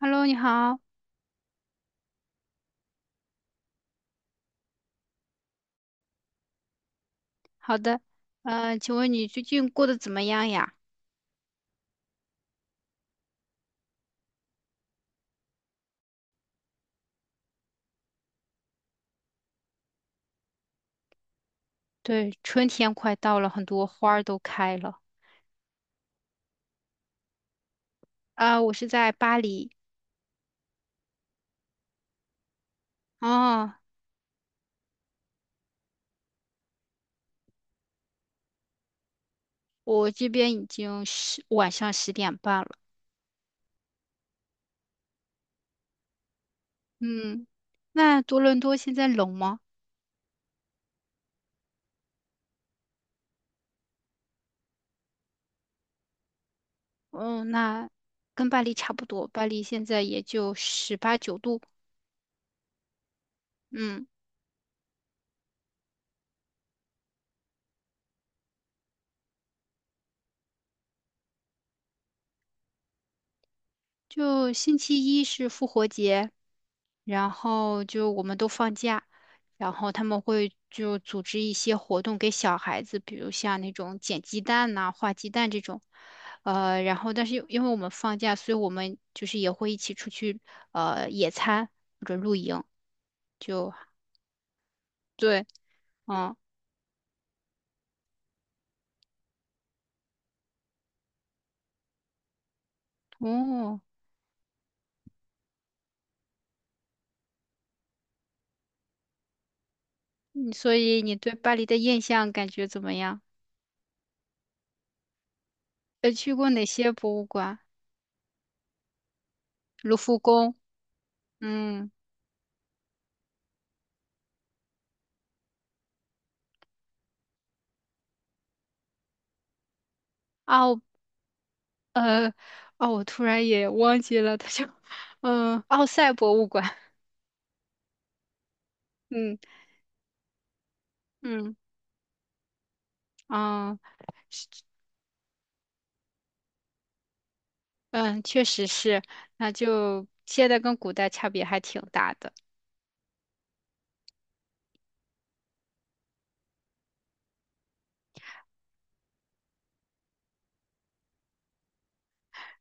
Hello，你好。好的。请问你最近过得怎么样呀？对，春天快到了，很多花儿都开了。我是在巴黎。哦，我这边已经十，晚上10点半了。嗯，那多伦多现在冷吗？嗯，那跟巴黎差不多，巴黎现在也就十八九度。嗯，就星期一是复活节，然后就我们都放假，然后他们会就组织一些活动给小孩子，比如像那种捡鸡蛋呐、画鸡蛋这种。然后但是因为我们放假，所以我们就是也会一起出去野餐或者露营，就对。嗯。哦。嗯所以你对巴黎的印象感觉怎么样？去过哪些博物馆？卢浮宫。嗯。啊。呃，哦，我突然也忘记了，它叫，嗯，奥赛博物馆。嗯嗯嗯嗯，确实是，那就现在跟古代差别还挺大的。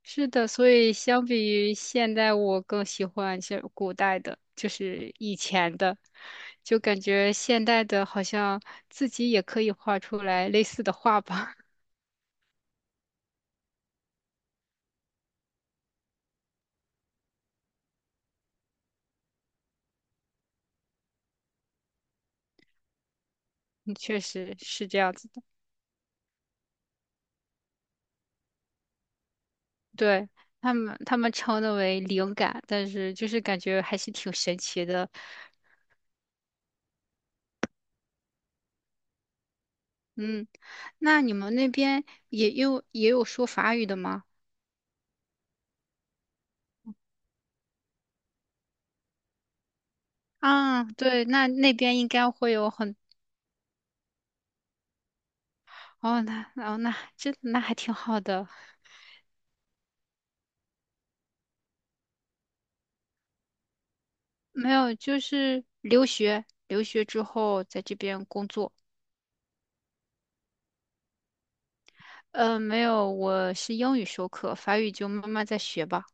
是的，所以相比于现代，我更喜欢是古代的，就是以前的，就感觉现代的好像自己也可以画出来类似的画吧。嗯，确实是这样子的。对，他们称的为灵感，但是就是感觉还是挺神奇的。嗯，那你们那边也有说法语的吗？啊，对，那那边应该会有很，哦，那哦那这那还挺好的。没有，就是留学，留学之后在这边工作。嗯，没有，我是英语授课，法语就慢慢再学吧。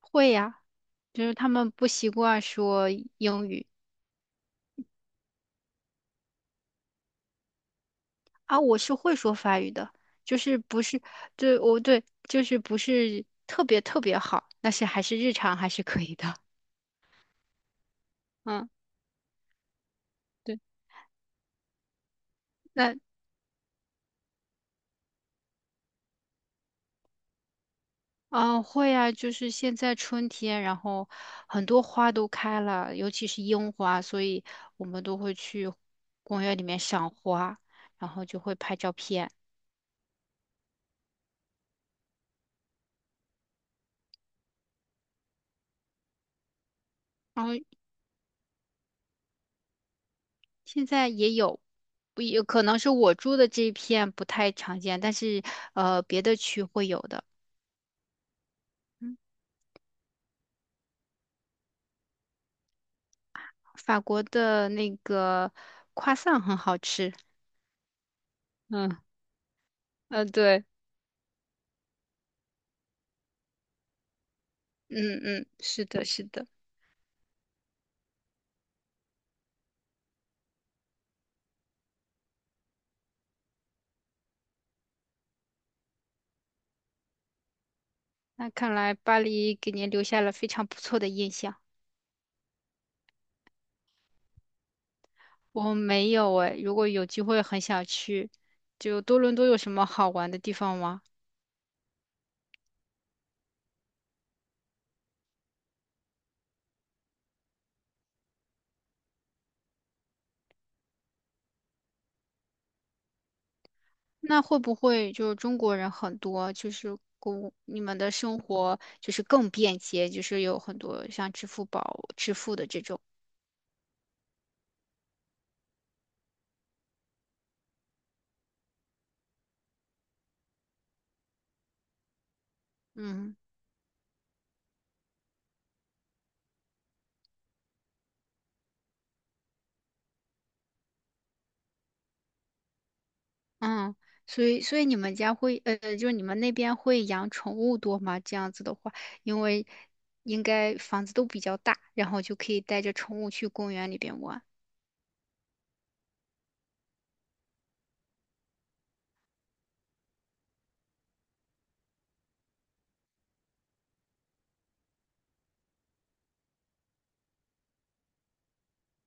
会呀，就是他们不习惯说英语。啊，我是会说法语的。就是不是，对，就是不是特别特别好，但是还是日常还是可以的。嗯，对，那啊，会啊，就是现在春天，然后很多花都开了，尤其是樱花，所以我们都会去公园里面赏花，然后就会拍照片。然后现在也有，不也可能是我住的这一片不太常见，但是别的区会有的。嗯，法国的那个夸 r 很好吃。嗯嗯。对。嗯嗯，是的，是的。那看来巴黎给您留下了非常不错的印象。我没有诶，如果有机会很想去。就多伦多有什么好玩的地方吗？那会不会就是中国人很多，就是公你们的生活就是更便捷，就是有很多像支付宝支付的这种。嗯。嗯，所以所以你们家会就是你们那边会养宠物多吗？这样子的话，因为应该房子都比较大，然后就可以带着宠物去公园里边玩。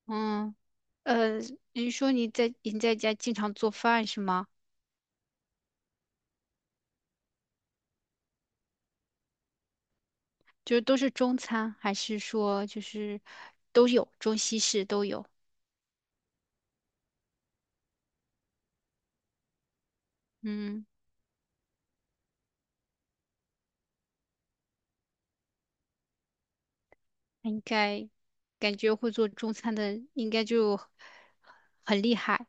嗯。呃，你说你在家经常做饭是吗？就是都是中餐，还是说就是都有中西式都有？嗯，应该感觉会做中餐的应该就很厉害。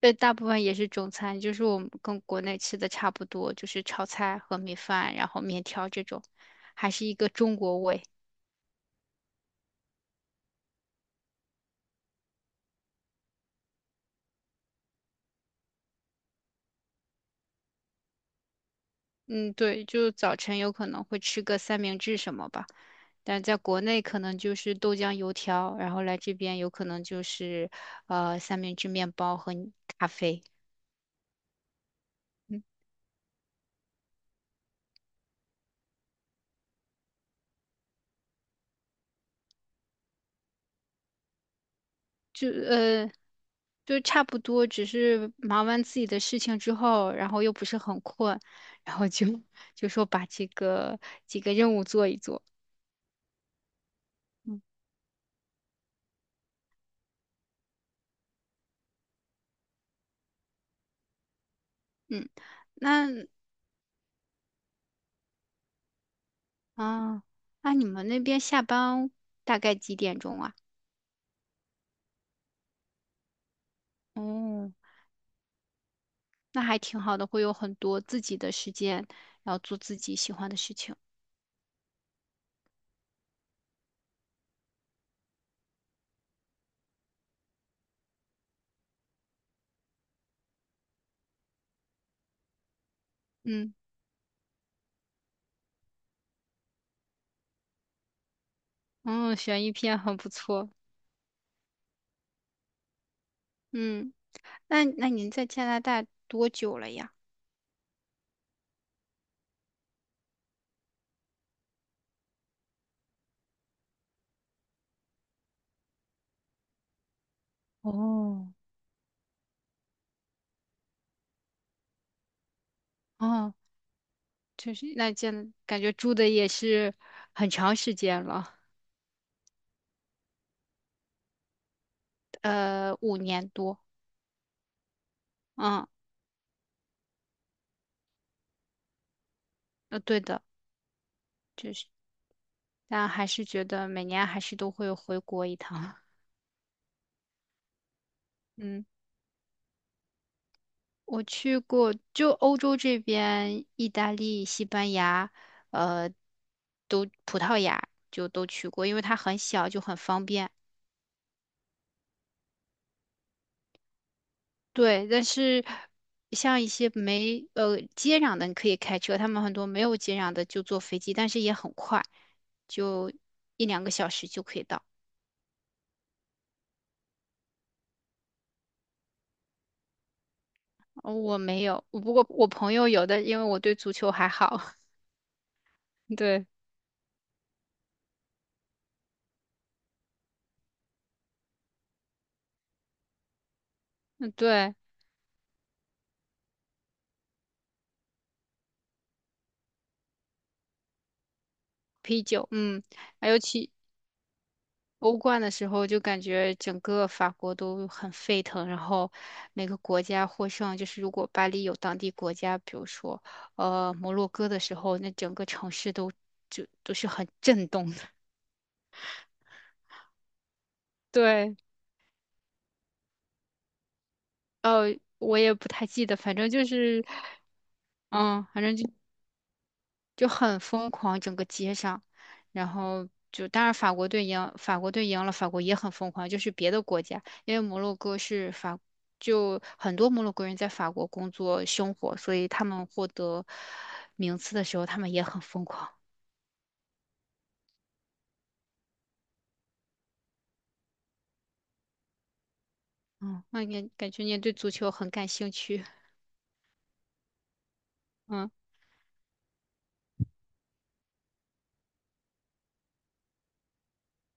对，大部分也是中餐，就是我们跟国内吃的差不多，就是炒菜、和米饭，然后面条这种，还是一个中国味。嗯，对，就早晨有可能会吃个三明治什么吧，但在国内可能就是豆浆、油条，然后来这边有可能就是三明治、面包和咖啡。嗯，就呃就差不多，只是忙完自己的事情之后，然后又不是很困，然后就 就说把这个几个任务做一做。嗯，那啊，那你们那边下班大概几点钟啊？哦，那还挺好的，会有很多自己的时间，然后做自己喜欢的事情。嗯。哦，悬疑片很不错。嗯，那那您在加拿大多久了呀？哦。哦，就是那见感觉住的也是很长时间了。五年多。嗯，对的，但还是觉得每年还是都会回国一趟。嗯。我去过，就欧洲这边，意大利、西班牙，呃，都葡萄牙就都去过，因为它很小，就很方便。对，但是像一些没接壤的，你可以开车；他们很多没有接壤的就坐飞机，但是也很快，就1两个小时就可以到。哦我没有，我不过我朋友有的，因为我对足球还好。对。嗯。对，啤酒。嗯，还有其欧冠的时候就感觉整个法国都很沸腾，然后每个国家获胜。就是如果巴黎有当地国家，比如说摩洛哥的时候，那整个城市都就都是很震动的。对。呃，我也不太记得，反正就是。嗯，反正就就很疯狂，整个街上，然后就当然法国队赢，法国队赢了，法国也很疯狂，就是别的国家，因为摩洛哥是法，就很多摩洛哥人在法国工作生活，所以他们获得名次的时候，他们也很疯狂。嗯，那你感觉你也对足球很感兴趣。嗯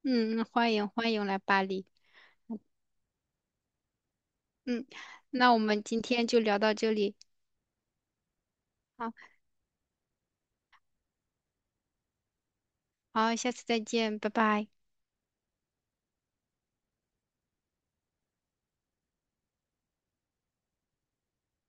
嗯，欢迎欢迎来巴黎。嗯，那我们今天就聊到这里。好，好，下次再见，拜拜。